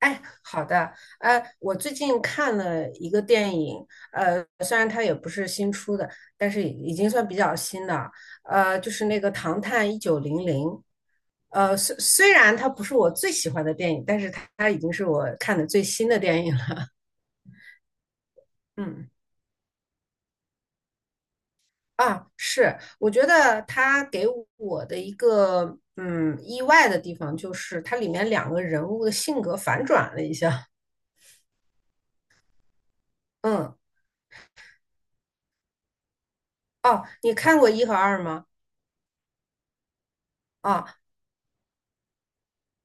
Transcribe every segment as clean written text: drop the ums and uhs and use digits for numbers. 哎，好的，我最近看了一个电影，虽然它也不是新出的，但是已经算比较新的，就是那个《唐探一九零零》，虽然它不是我最喜欢的电影，但是它已经是我看的最新的电影了。嗯，啊，是，我觉得它给我的一个意外的地方，就是它里面两个人物的性格反转了一下。嗯，哦，你看过一和二吗？啊。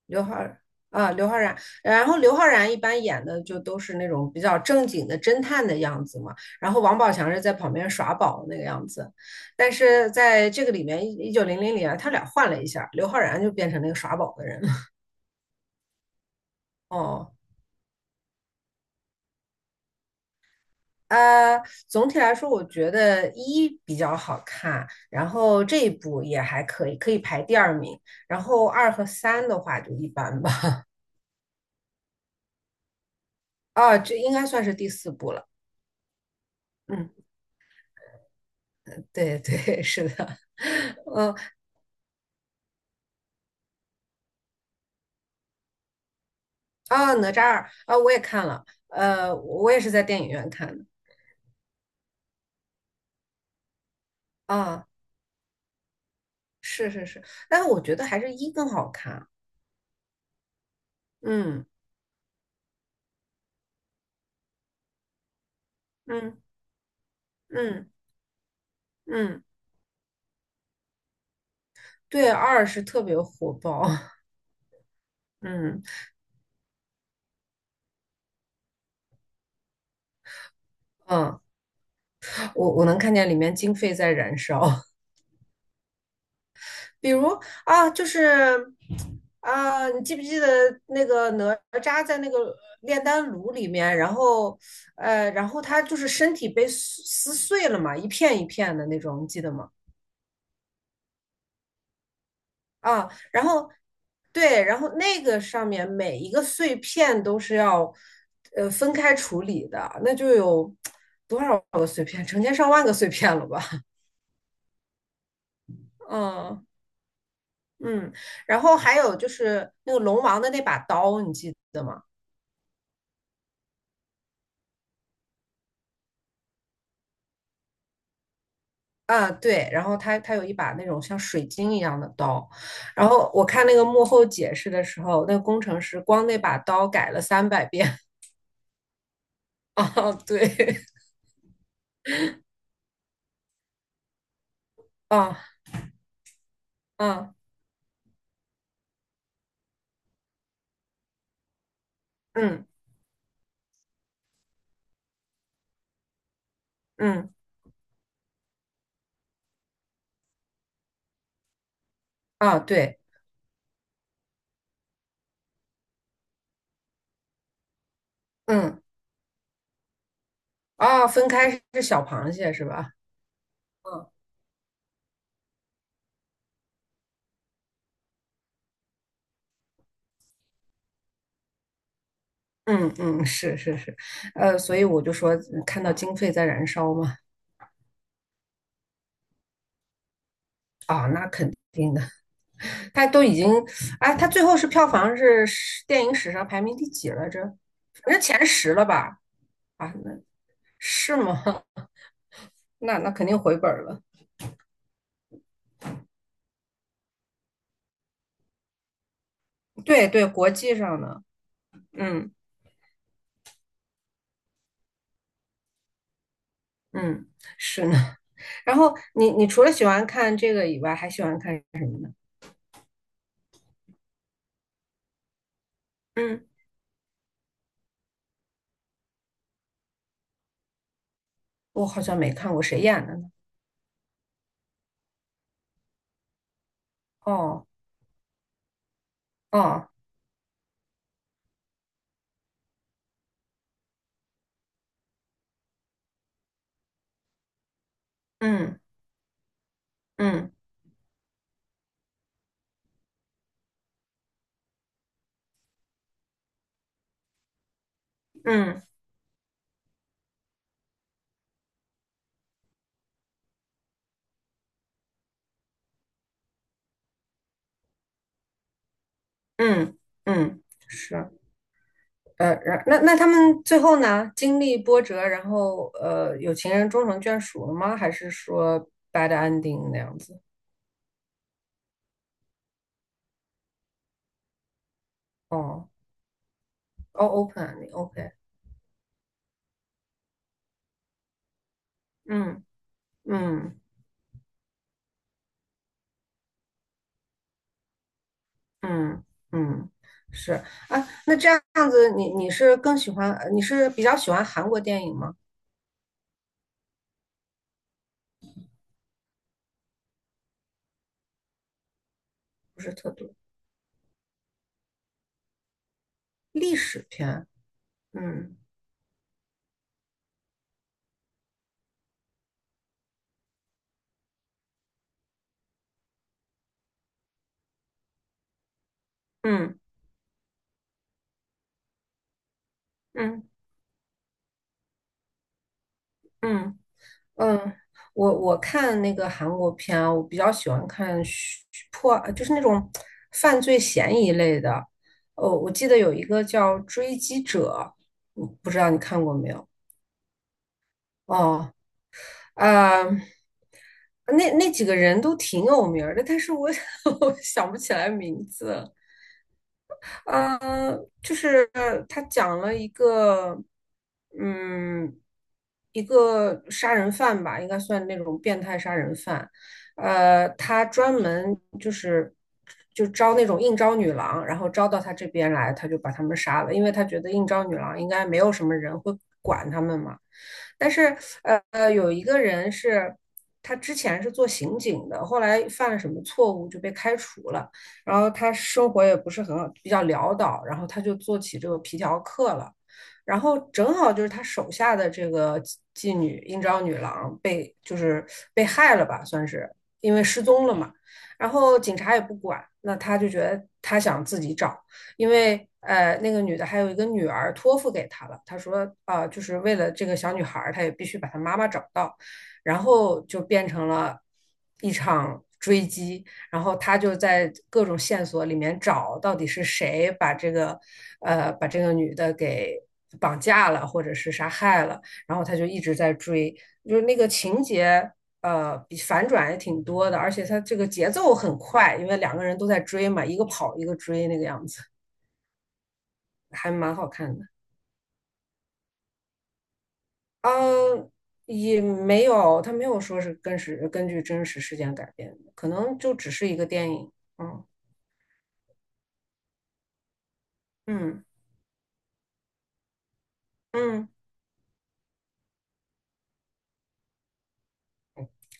刘昊然。啊，刘昊然，然后刘昊然一般演的就都是那种比较正经的侦探的样子嘛，然后王宝强是在旁边耍宝那个样子，但是在这个里面，一九零零里啊，他俩换了一下，刘昊然就变成那个耍宝的人了。哦，呃，总体来说，我觉得一比较好看，然后这一部也还可以，可以排第二名，然后二和三的话就一般吧。啊，这应该算是第四部了。嗯，对对，是的。嗯，啊，哪吒二啊，我也看了，我也是在电影院看的。啊，是是是，但是我觉得还是一更好看。嗯，嗯，嗯，嗯，对，二是特别火爆。嗯，嗯，我能看见里面经费在燃烧。比如啊，就是啊，你记不记得那个哪吒在那个炼丹炉里面，然后他就是身体被撕碎了嘛，一片一片的那种，你记得吗？啊，然后对，然后那个上面每一个碎片都是要分开处理的，那就有多少个碎片，成千上万个碎片了吧？嗯，嗯，然后还有就是那个龙王的那把刀，你记得吗？啊，对，然后他有一把那种像水晶一样的刀，然后我看那个幕后解释的时候，那个工程师光那把刀改了300遍。 啊，对。啊，啊，嗯，嗯，啊，对。嗯，啊，分开是小螃蟹是吧？嗯，嗯，嗯，是是是，所以我就说看到经费在燃烧嘛。啊，那肯定的。他都已经，哎，他最后是票房电影史上排名第几来着？反正前十了吧？啊，那是吗？那肯定回本儿了。对对，国际上的。嗯，嗯，是呢。然后你除了喜欢看这个以外，还喜欢看。嗯，我好像没看过，谁演的呢？哦，哦。嗯，嗯，嗯，嗯，嗯，是，那他们最后呢，经历波折，然后有情人终成眷属了吗？还是说 bad ending 那样子？哦，哦，open ending，OK，嗯，嗯，嗯，嗯，是啊，那这样子你是更喜欢，你是比较喜欢韩国电影吗？不是特多，历史片。嗯，嗯，嗯，嗯，嗯，我看那个韩国片啊，我比较喜欢看虚破，就是那种犯罪嫌疑类的。哦，我记得有一个叫《追击者》，不知道你看过没有？哦，啊、那几个人都挺有名儿的，但是我 我想不起来名字。嗯，就是他讲了一个，嗯，一个杀人犯吧，应该算那种变态杀人犯。呃，他专门就招那种应招女郎，然后招到他这边来，他就把他们杀了，因为他觉得应招女郎应该没有什么人会管他们嘛。但是，有一个人是他之前是做刑警的，后来犯了什么错误就被开除了。然后他生活也不是很好，比较潦倒，然后他就做起这个皮条客了。然后正好就是他手下的这个妓女应招女郎被就是被害了吧，算是因为失踪了嘛。然后警察也不管，那他就觉得他想自己找，因为那个女的还有一个女儿托付给他了，他说啊、就是为了这个小女孩他也必须把她妈妈找到。然后就变成了一场追击，然后他就在各种线索里面找到底是谁把这个，把这个女的给绑架了，或者是杀害了。然后他就一直在追，就是那个情节，比反转也挺多的，而且他这个节奏很快，因为两个人都在追嘛，一个跑一个追那个样子，还蛮好看的。嗯，也没有，他没有说是根据真实事件改编的，可能就只是一个电影。嗯，嗯，嗯。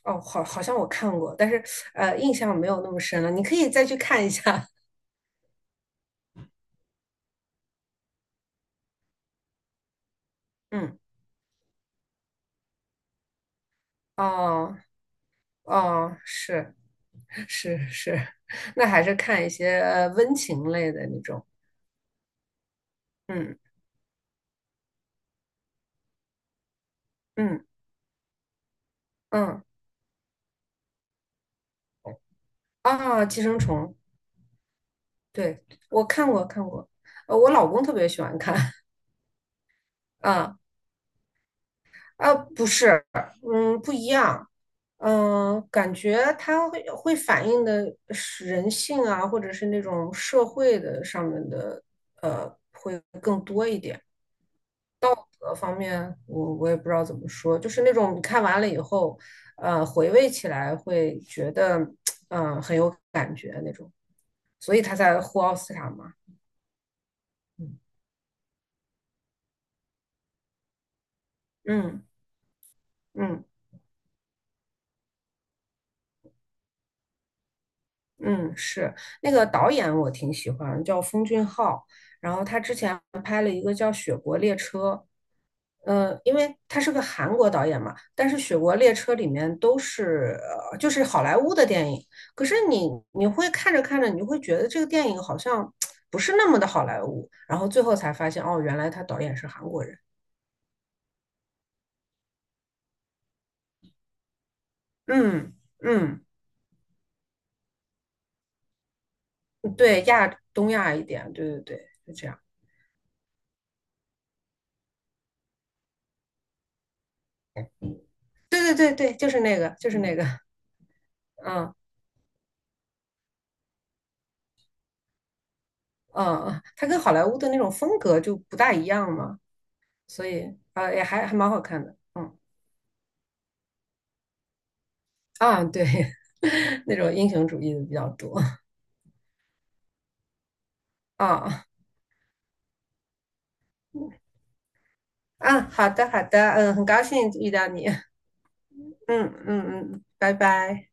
哦，好，好像我看过，但是印象没有那么深了。你可以再去看一下。嗯，哦，哦，是是是，那还是看一些温情类的那种。嗯，嗯，嗯，啊，寄生虫，对，我看过看过，我老公特别喜欢看。啊。啊，不是，嗯，不一样，嗯，感觉它会反映的是人性啊，或者是那种社会的上面的，会更多一点。方面我也不知道怎么说，就是那种你看完了以后，回味起来会觉得很有感觉那种，所以他才获奥斯卡嘛。嗯，嗯，嗯，嗯，是那个导演我挺喜欢，叫奉俊昊。然后他之前因为他是个韩国导演嘛，但是《雪国列车》里面都是就是好莱坞的电影，可是你会看着看着，你就会觉得这个电影好像不是那么的好莱坞，然后最后才发现哦，原来他导演是韩国人。嗯，嗯，对，东亚一点，对对对，就这样。对对对对，就是那个,嗯，嗯，他跟好莱坞的那种风格就不大一样嘛，所以啊，也还蛮好看的。嗯。啊，对，那种英雄主义的比较多啊。啊，好的，好的，嗯，很高兴遇到你，嗯，嗯，嗯，拜拜。